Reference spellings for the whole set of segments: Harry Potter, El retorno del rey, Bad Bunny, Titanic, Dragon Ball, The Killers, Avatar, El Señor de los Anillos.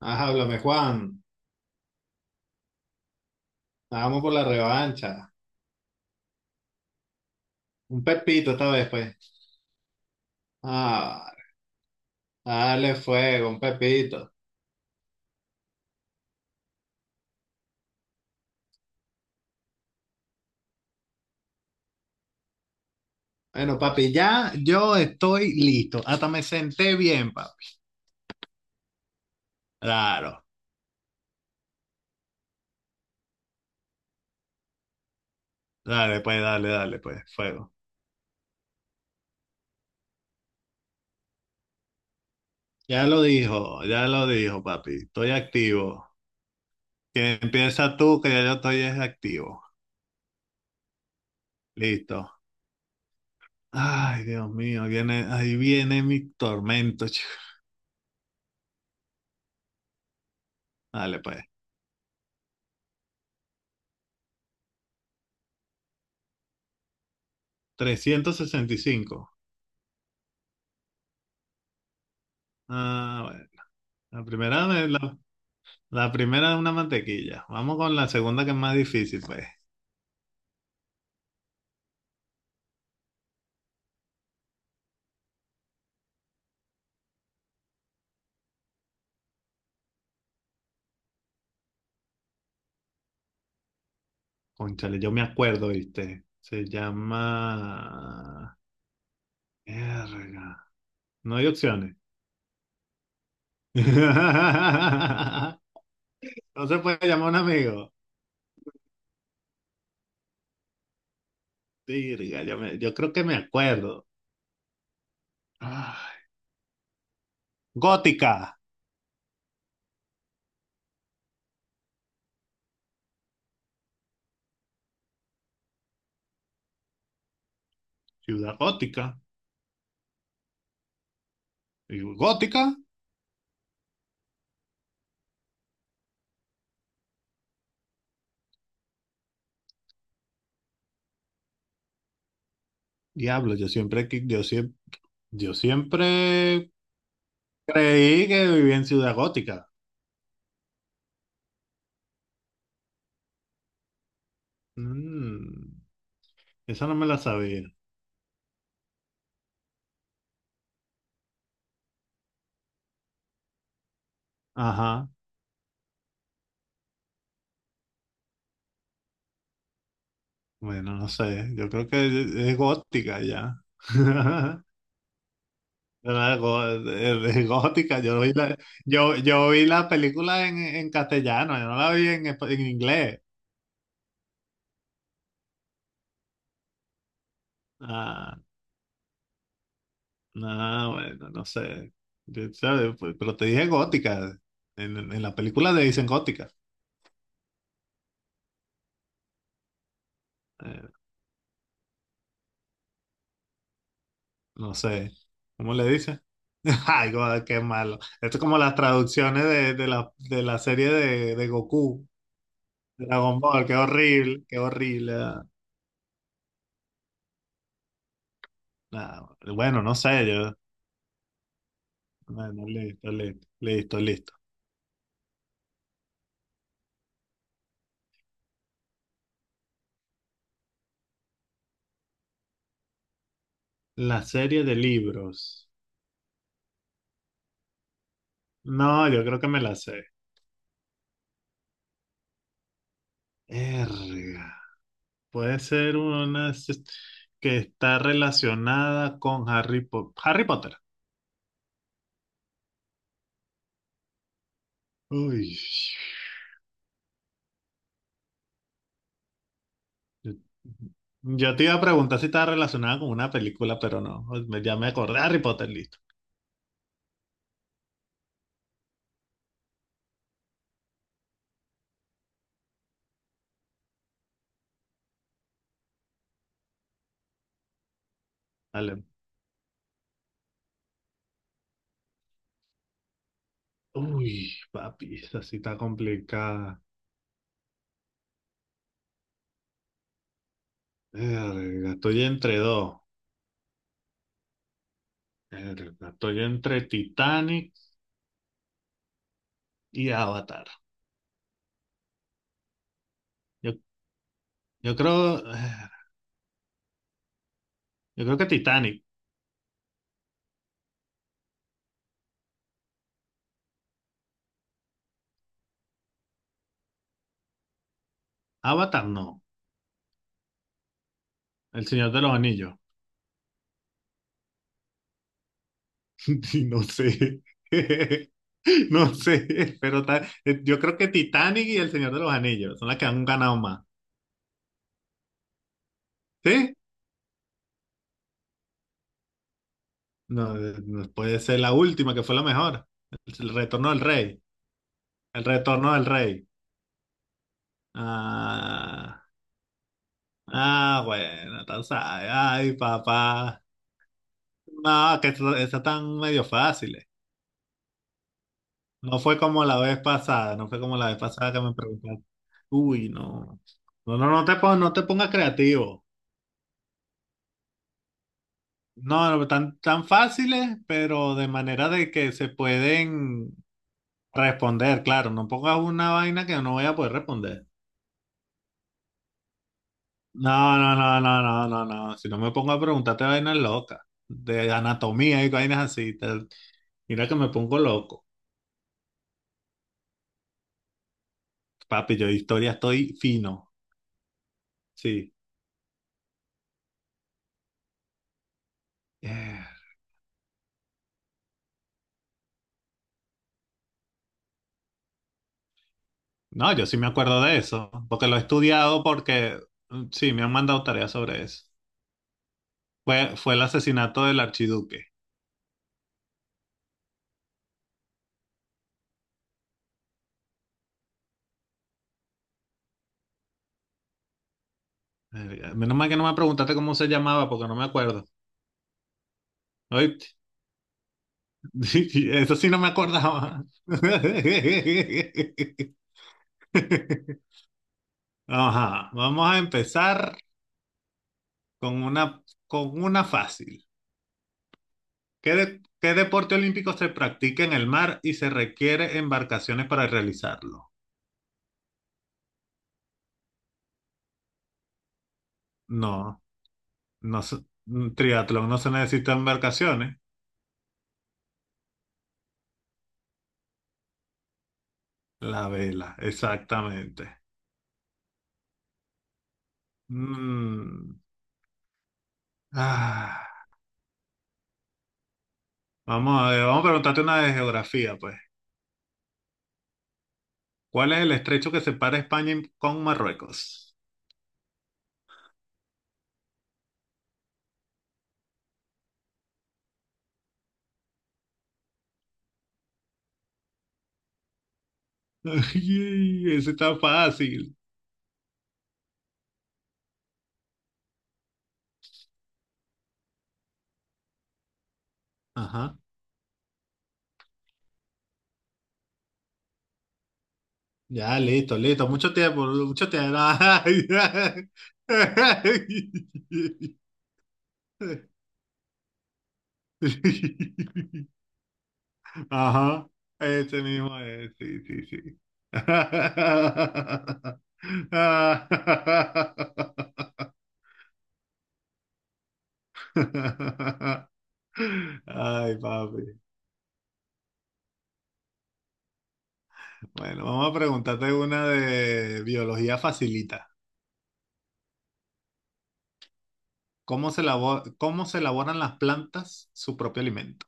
Ajá, háblame, Juan. Vamos por la revancha. Un pepito esta vez, pues. Ah, dale fuego, un pepito. Bueno, papi, ya yo estoy listo. Hasta me senté bien, papi. Claro. Dale, pues, dale, dale, pues, fuego. Ya lo dijo, papi. Estoy activo. Que empieza tú, que ya yo estoy es activo. Listo. Ay, Dios mío, viene, ahí viene mi tormento, chico. Dale, pues. 365. Ah, bueno. La primera, de la, la primera de una mantequilla. Vamos con la segunda, que es más difícil, pues. Cónchale, yo me acuerdo, ¿viste? Se llama... Verga. No hay opciones. No se puede llamar a un amigo. Virga, yo creo que me acuerdo. Ah, gótica. Ciudad gótica. Y ¿gótica? Diablo, yo siempre creí que vivía en Ciudad Gótica. Mm, esa no me la sabía. Ajá, bueno, no sé, yo creo que es gótica ya. Era gó- es gótica, yo, yo vi la película en castellano, yo no la vi en, en inglés. Ah, no, bueno, no sé. Yo, ¿sabes? Pues, pero te dije gótica, en la película le dicen gótica. Eh, no sé, ¿cómo le dicen? Ay, God, qué malo. Esto es como las traducciones de la serie de Goku. Dragon Ball, qué horrible, qué horrible. Nada, bueno, no sé, yo. Bueno, listo, listo, listo, listo. La serie de libros. No, yo creo que me la sé. Erga. Puede ser una s- Que está relacionada con Harry Potter. Harry Potter. Uy. Yo yo te iba a preguntar si estaba relacionada con una película, pero no. Ya me acordé. Harry Potter, listo. Dale. Uy, papi, esa sí está complicada. Verga, estoy entre dos. Verga, estoy entre Titanic y Avatar. Yo, yo creo, yo creo que Titanic. Avatar no. El Señor de los Anillos. Y no sé. No sé, pero yo creo que Titanic y El Señor de los Anillos son las que han ganado más. ¿Sí? No, no puede ser la última, que fue la mejor. El retorno del rey. El retorno del rey. Ah, ah, bueno, tú sabes. Ay, papá. No, que eso tan medio fáciles. No fue como la vez pasada, no fue como la vez pasada que me preguntaste. Uy, no. No, no, no te pongas, no te pongas creativo. No, no, tan, tan fáciles, pero de manera de que se pueden responder, claro. No pongas una vaina que no voy a poder responder. No, no, no, no, no, no, no. Si no me pongo a preguntarte vainas locas, de anatomía y vainas así, tal. Mira que me pongo loco. Papi, yo de historia estoy fino. Sí. Eh, No, yo sí me acuerdo de eso, porque lo he estudiado porque mm, sí, me han mandado tareas sobre eso. Fue el asesinato del archiduque. Menos mal que no me preguntaste cómo se llamaba, porque no me acuerdo. ¿Oíste? Eso sí no me acordaba. Ajá, vamos a empezar con una, con una fácil. ¿Qué deporte olímpico se practica en el mar y se requiere embarcaciones para realizarlo? No. Un triatlón no se necesita embarcaciones. La vela, exactamente. Mm, ah, vamos a ver, vamos a preguntarte una de geografía, pues. ¿Cuál es el estrecho que separa España y- ¿Con Marruecos? Ay, ese está fácil. Ajá. Ya, listo, listo. Mucho tiempo, mucho tiempo. Ay, ay. Ajá, ese mismo es, sí, sí, sí. Ay, papi. Bueno, vamos a preguntarte una de biología facilita. ¿Cómo se elaboran las plantas su propio alimento?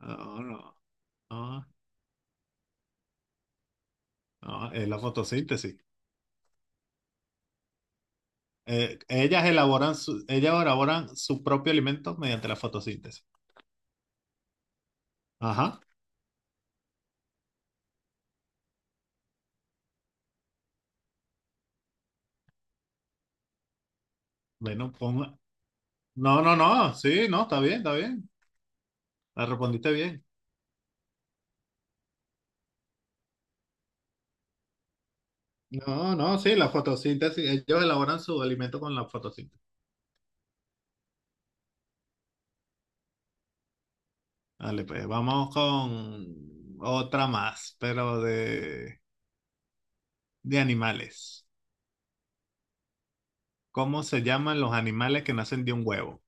No, no, no, no, es la fotosíntesis. Ellas elaboran su propio alimento mediante la fotosíntesis. Ajá. Bueno, pon, No, no, no, sí, no, está bien, está bien. La respondiste bien. No, no, sí, la fotosíntesis, ellos elaboran su alimento con la fotosíntesis. Vale, pues vamos con otra más, pero de animales. ¿Cómo se llaman los animales que nacen de un huevo?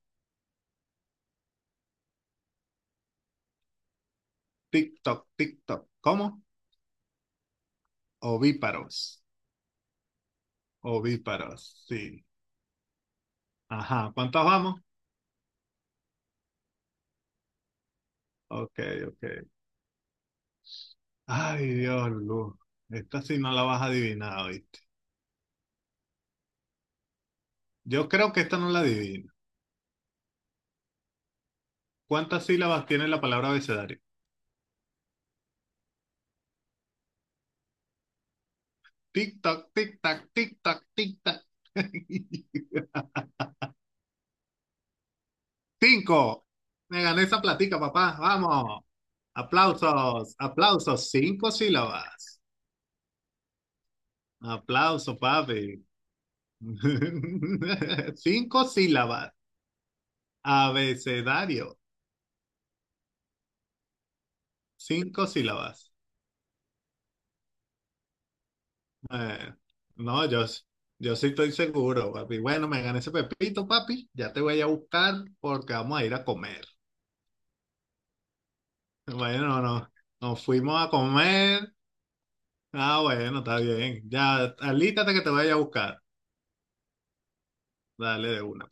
Tic-toc, tic-toc. ¿Cómo? Ovíparos. Ovíparos, sí. Ajá, ¿cuántos vamos? Ok, ok. Ay, Dios, Luz. Esta sí no la vas a adivinar, ¿oíste? Yo creo que esta no la adivinas. ¿Cuántas sílabas tiene la palabra abecedario? Tic-tac, tic-tac, tic-tac, tic-tac. Cinco. Me gané esa platica, papá. Vamos. Aplausos, aplausos. Cinco sílabas. Aplauso, papi. Cinco sílabas. Abecedario. Cinco sílabas. Eh, no, yo, yo sí estoy seguro, papi. Bueno, me gané ese pepito, papi. Ya te voy a buscar porque vamos a ir a comer. Bueno, no, nos fuimos a comer. Ah, bueno, está bien. Ya, alístate que te voy a ir a buscar. Dale de una.